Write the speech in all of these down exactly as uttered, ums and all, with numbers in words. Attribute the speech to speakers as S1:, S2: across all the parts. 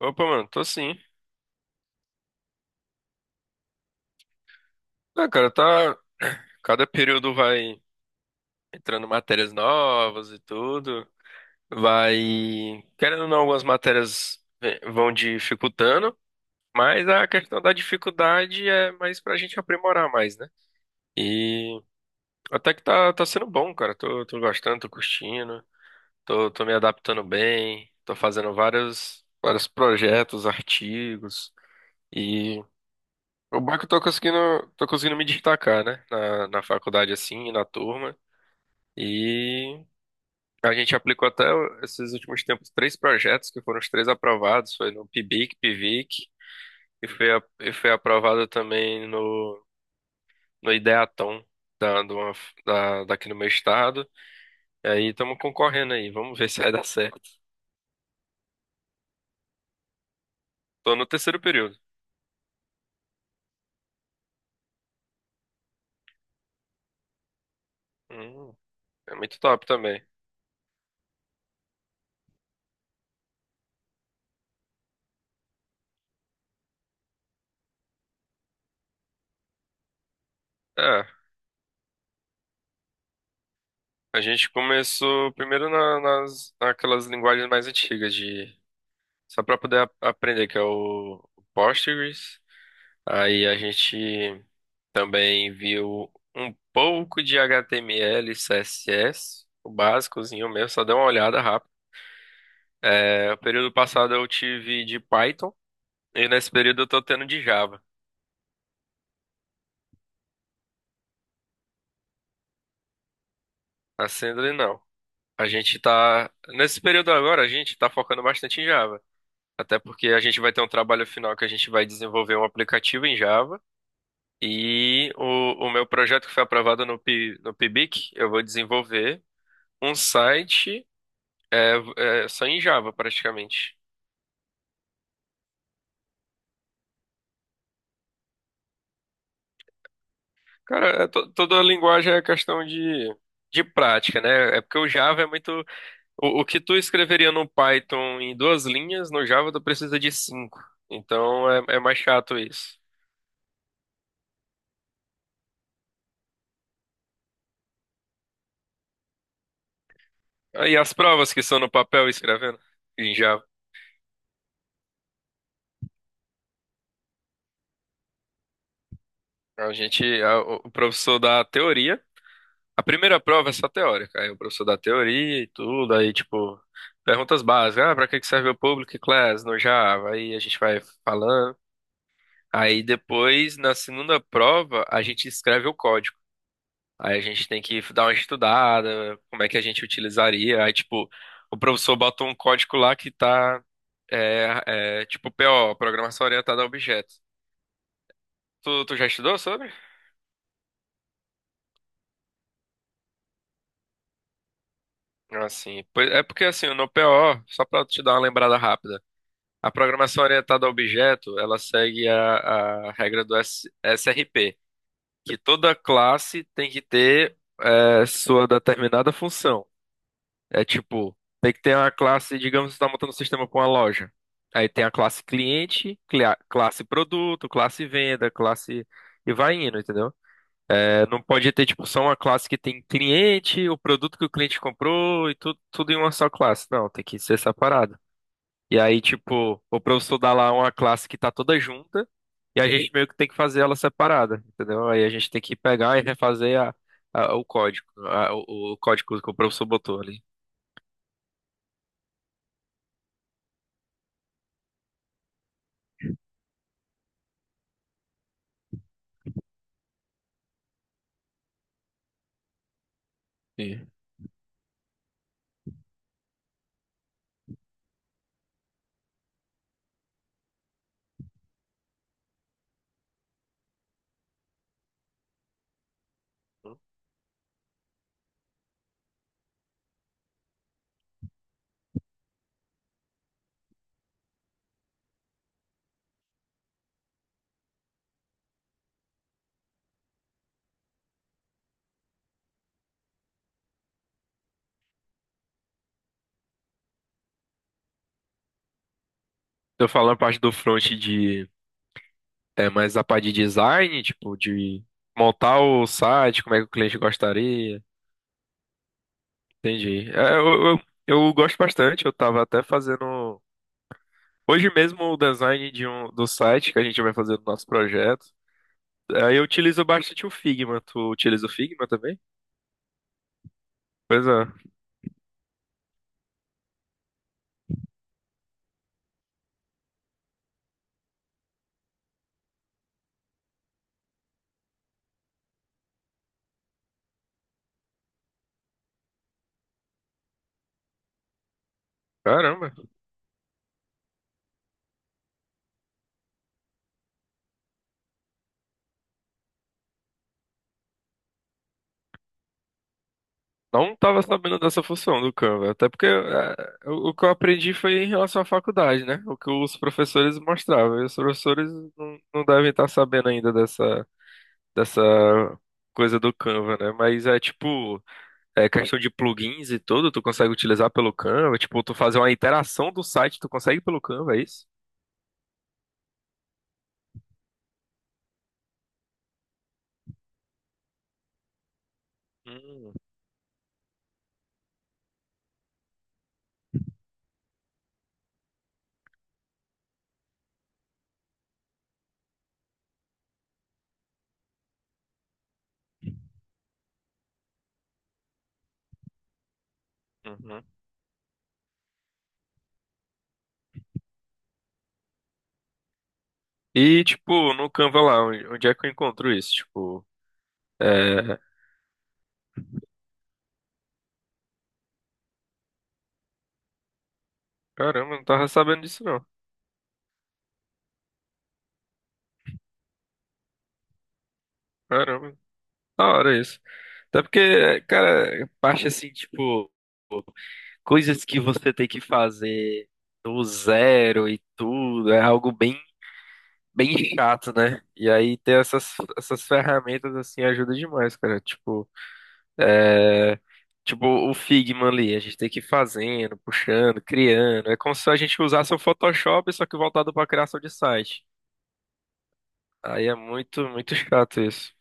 S1: Opa, mano, tô sim. Ah, cara, tá. Cada período vai entrando matérias novas e tudo. Vai. Querendo ou não, algumas matérias ve- vão dificultando, mas a questão da dificuldade é mais pra gente aprimorar mais, né? E até que tá, tá sendo bom, cara. Tô, tô gostando, tô curtindo, tô, tô me adaptando bem, tô fazendo vários, vários projetos, artigos. O bom é que eu tô conseguindo, tô conseguindo me destacar, né? Na, na faculdade, assim, na turma. E a gente aplicou até esses últimos tempos três projetos, que foram os três aprovados. Foi no PIBIC, PIVIC, e foi, a- e foi aprovado também no, no Ideatom, da, de uma- da, daqui no meu estado. E aí estamos concorrendo aí, vamos ver se vai dar certo. Tô no terceiro período. Hum, É muito top também. É, a gente começou primeiro na- nas, naquelas linguagens mais antigas de. Só para poder a- aprender, que é o o Postgres. Aí a gente também viu um pouco de H T M L, C S S, o básicozinho mesmo, só deu uma olhada rápida. É, o período passado eu tive de Python e nesse período eu tô tendo de Java. Assim, não. A gente tá. Nesse período agora, a gente tá focando bastante em Java. Até porque a gente vai ter um trabalho final que a gente vai desenvolver um aplicativo em Java. E o, o meu projeto que foi aprovado no, P, no Pibic eu vou desenvolver um site, é, é, só em Java, praticamente. Cara, é to- toda a linguagem é questão de, de prática, né? É porque o Java é muito. O, o que tu escreveria no Python em duas linhas, no Java tu precisa de cinco. Então é, é mais chato isso. Aí as provas que são no papel escrevendo em Java. A gente, a- o o professor dá a teoria. A primeira prova é só teórica. Aí o professor dá teoria e tudo, aí tipo, perguntas básicas. Ah, pra que que serve o Public Class no Java? Aí a gente vai falando. Aí depois, na segunda prova, a gente escreve o código. Aí a gente tem que dar uma estudada, como é que a gente utilizaria. Aí, tipo, o professor bota um código lá que tá, é, é, tipo, P O, Programação Orientada a Objetos. Tu, tu já estudou sobre? Assim, pois- é porque assim, no P O, só pra te dar uma lembrada rápida. A programação orientada a objeto, ela segue a, a regra do S- SRP, que toda classe tem que ter é, sua determinada função. É tipo, tem que ter uma classe, digamos, você está montando um sistema para uma loja. Aí tem a classe cliente, clia- classe produto, classe venda, classe... E vai indo, entendeu? É, não pode ter, tipo, só uma classe que tem cliente, o produto que o cliente comprou e tudo, tudo em uma só classe. Não, tem que ser separado. E aí, tipo, o professor dá lá uma classe que tá toda junta e a gente meio que tem que fazer ela separada, entendeu? Aí a gente tem que pegar e refazer a, a- o código, a- o, o código que o professor botou ali. Eu falando na parte do front de. É mais a parte de design, tipo, de montar o site, como é que o cliente gostaria. Entendi. É, eu, eu, eu gosto bastante, eu tava até fazendo hoje mesmo o design de um, do site que a gente vai fazer do nosso projeto. Aí eu utilizo bastante o Figma. Tu utiliza o Figma também? Pois é. Caramba. Não tava sabendo dessa função do Canva. Até porque é, o o que eu aprendi foi em relação à faculdade, né? O que os professores mostravam. E os professores não, não devem estar sabendo ainda dessa, dessa coisa do Canva, né? Mas é tipo. É questão de plugins e tudo, tu consegue utilizar pelo Canva, tipo, tu fazer uma interação do site, tu consegue pelo Canva, é isso? Hum, uhum. E, tipo, no Canva lá, onde onde é que eu encontro isso? Tipo, é... Caramba, não tava sabendo disso não. Caramba, da hora isso. Até porque, cara, parte assim, tipo, coisas que você tem que fazer do zero e tudo, é algo bem, bem chato, né? E aí ter essas, essas ferramentas, assim, ajuda demais, cara. Tipo. É. Tipo, o Figma ali, a gente tem que ir fazendo, puxando, criando. É como se a gente usasse o Photoshop, só que voltado pra criação de site. Aí é muito, muito chato isso.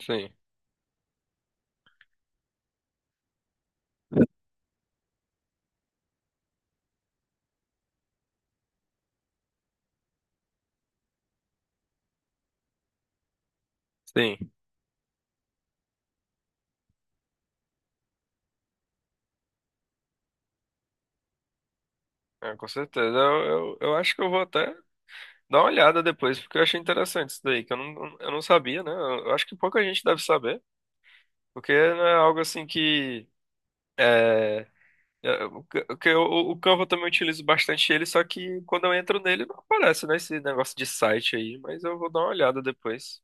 S1: Sim, sim. É, com certeza. Eu, eu, eu acho que eu vou até dar uma olhada depois, porque eu achei interessante isso daí, que eu não, eu não sabia, né? Eu, eu acho que pouca gente deve saber, porque não é algo assim que. É, É, O ca- o que eu- o Canva eu também utilizo bastante ele, só que quando eu entro nele não aparece, né, esse negócio de site aí, mas eu vou dar uma olhada depois.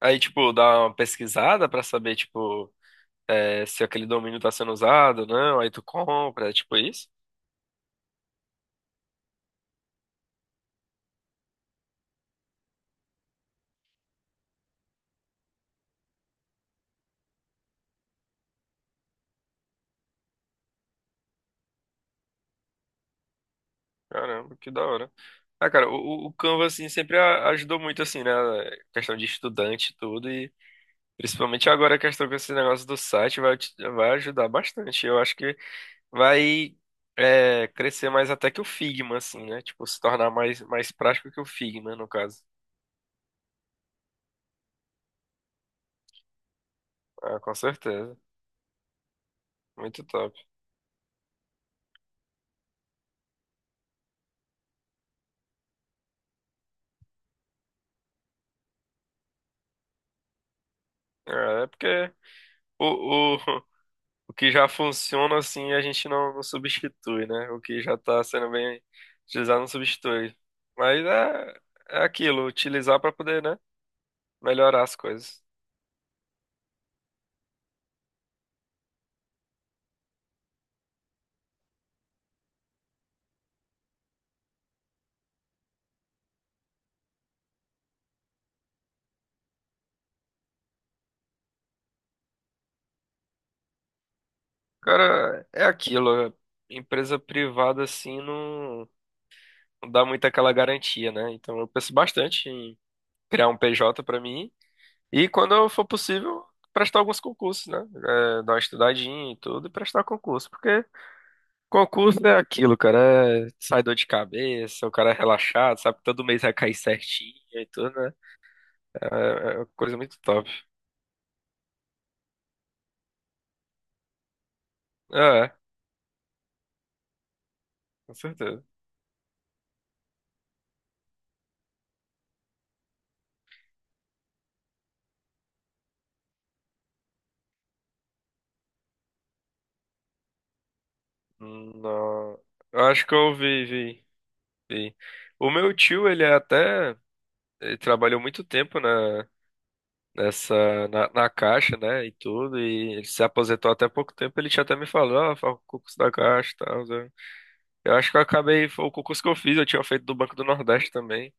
S1: Aí, tipo, dá uma pesquisada pra saber, tipo, é, se aquele domínio tá sendo usado, não, aí tu compra, é tipo isso. Caramba, que da hora. Ah, cara, o, o Canva, assim, sempre a- ajudou muito, assim, né, questão de estudante e tudo, e principalmente agora a questão com esse negócio do site vai, te- vai ajudar bastante. Eu acho que vai é, crescer mais até que o Figma, assim, né? Tipo, se tornar mais, mais prático que o Figma, no caso. Ah, com certeza. Muito top. É, é porque o, o, o que já funciona, assim, a gente não, não substitui, né? O que já tá sendo bem utilizado, não substitui. Mas é, é aquilo, utilizar para poder, né? Melhorar as coisas. Cara, é aquilo. é, Empresa privada, assim, não, não dá muito aquela garantia, né? Então eu penso bastante criar um P J pra mim e quando for possível prestar alguns concursos, né? É, dar uma estudadinha e tudo e prestar concurso, porque concurso é aquilo, cara, é, sai dor de cabeça, o cara é relaxado, sabe que todo mês vai cair certinho e tudo, né? É, é uma coisa muito top. É, com certeza. Não, eu acho que eu vi, vi, vi. O meu tio, ele é até ele trabalhou muito tempo, né, nessa na, na caixa, né, e tudo, e ele se aposentou até pouco tempo, ele tinha até me falado, ah, faz o concurso da caixa, e tal, né? Eu acho que eu acabei, foi o concurso que eu fiz, eu tinha feito do Banco do Nordeste também,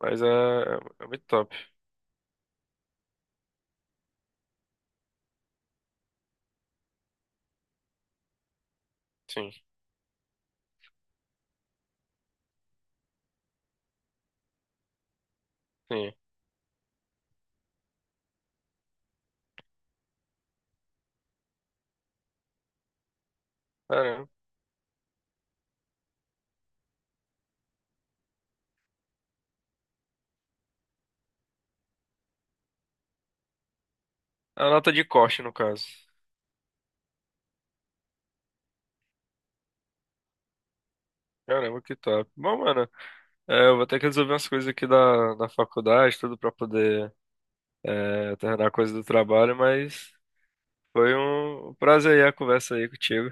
S1: mas é, é é muito top, sim, sim. Caramba. A nota de corte, no caso. Caramba, que top. Bom, mano, é, eu vou ter que resolver umas coisas aqui da, da faculdade, tudo pra poder é, terminar a coisa do trabalho, mas foi um prazer aí a conversa aí contigo.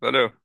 S1: Valeu.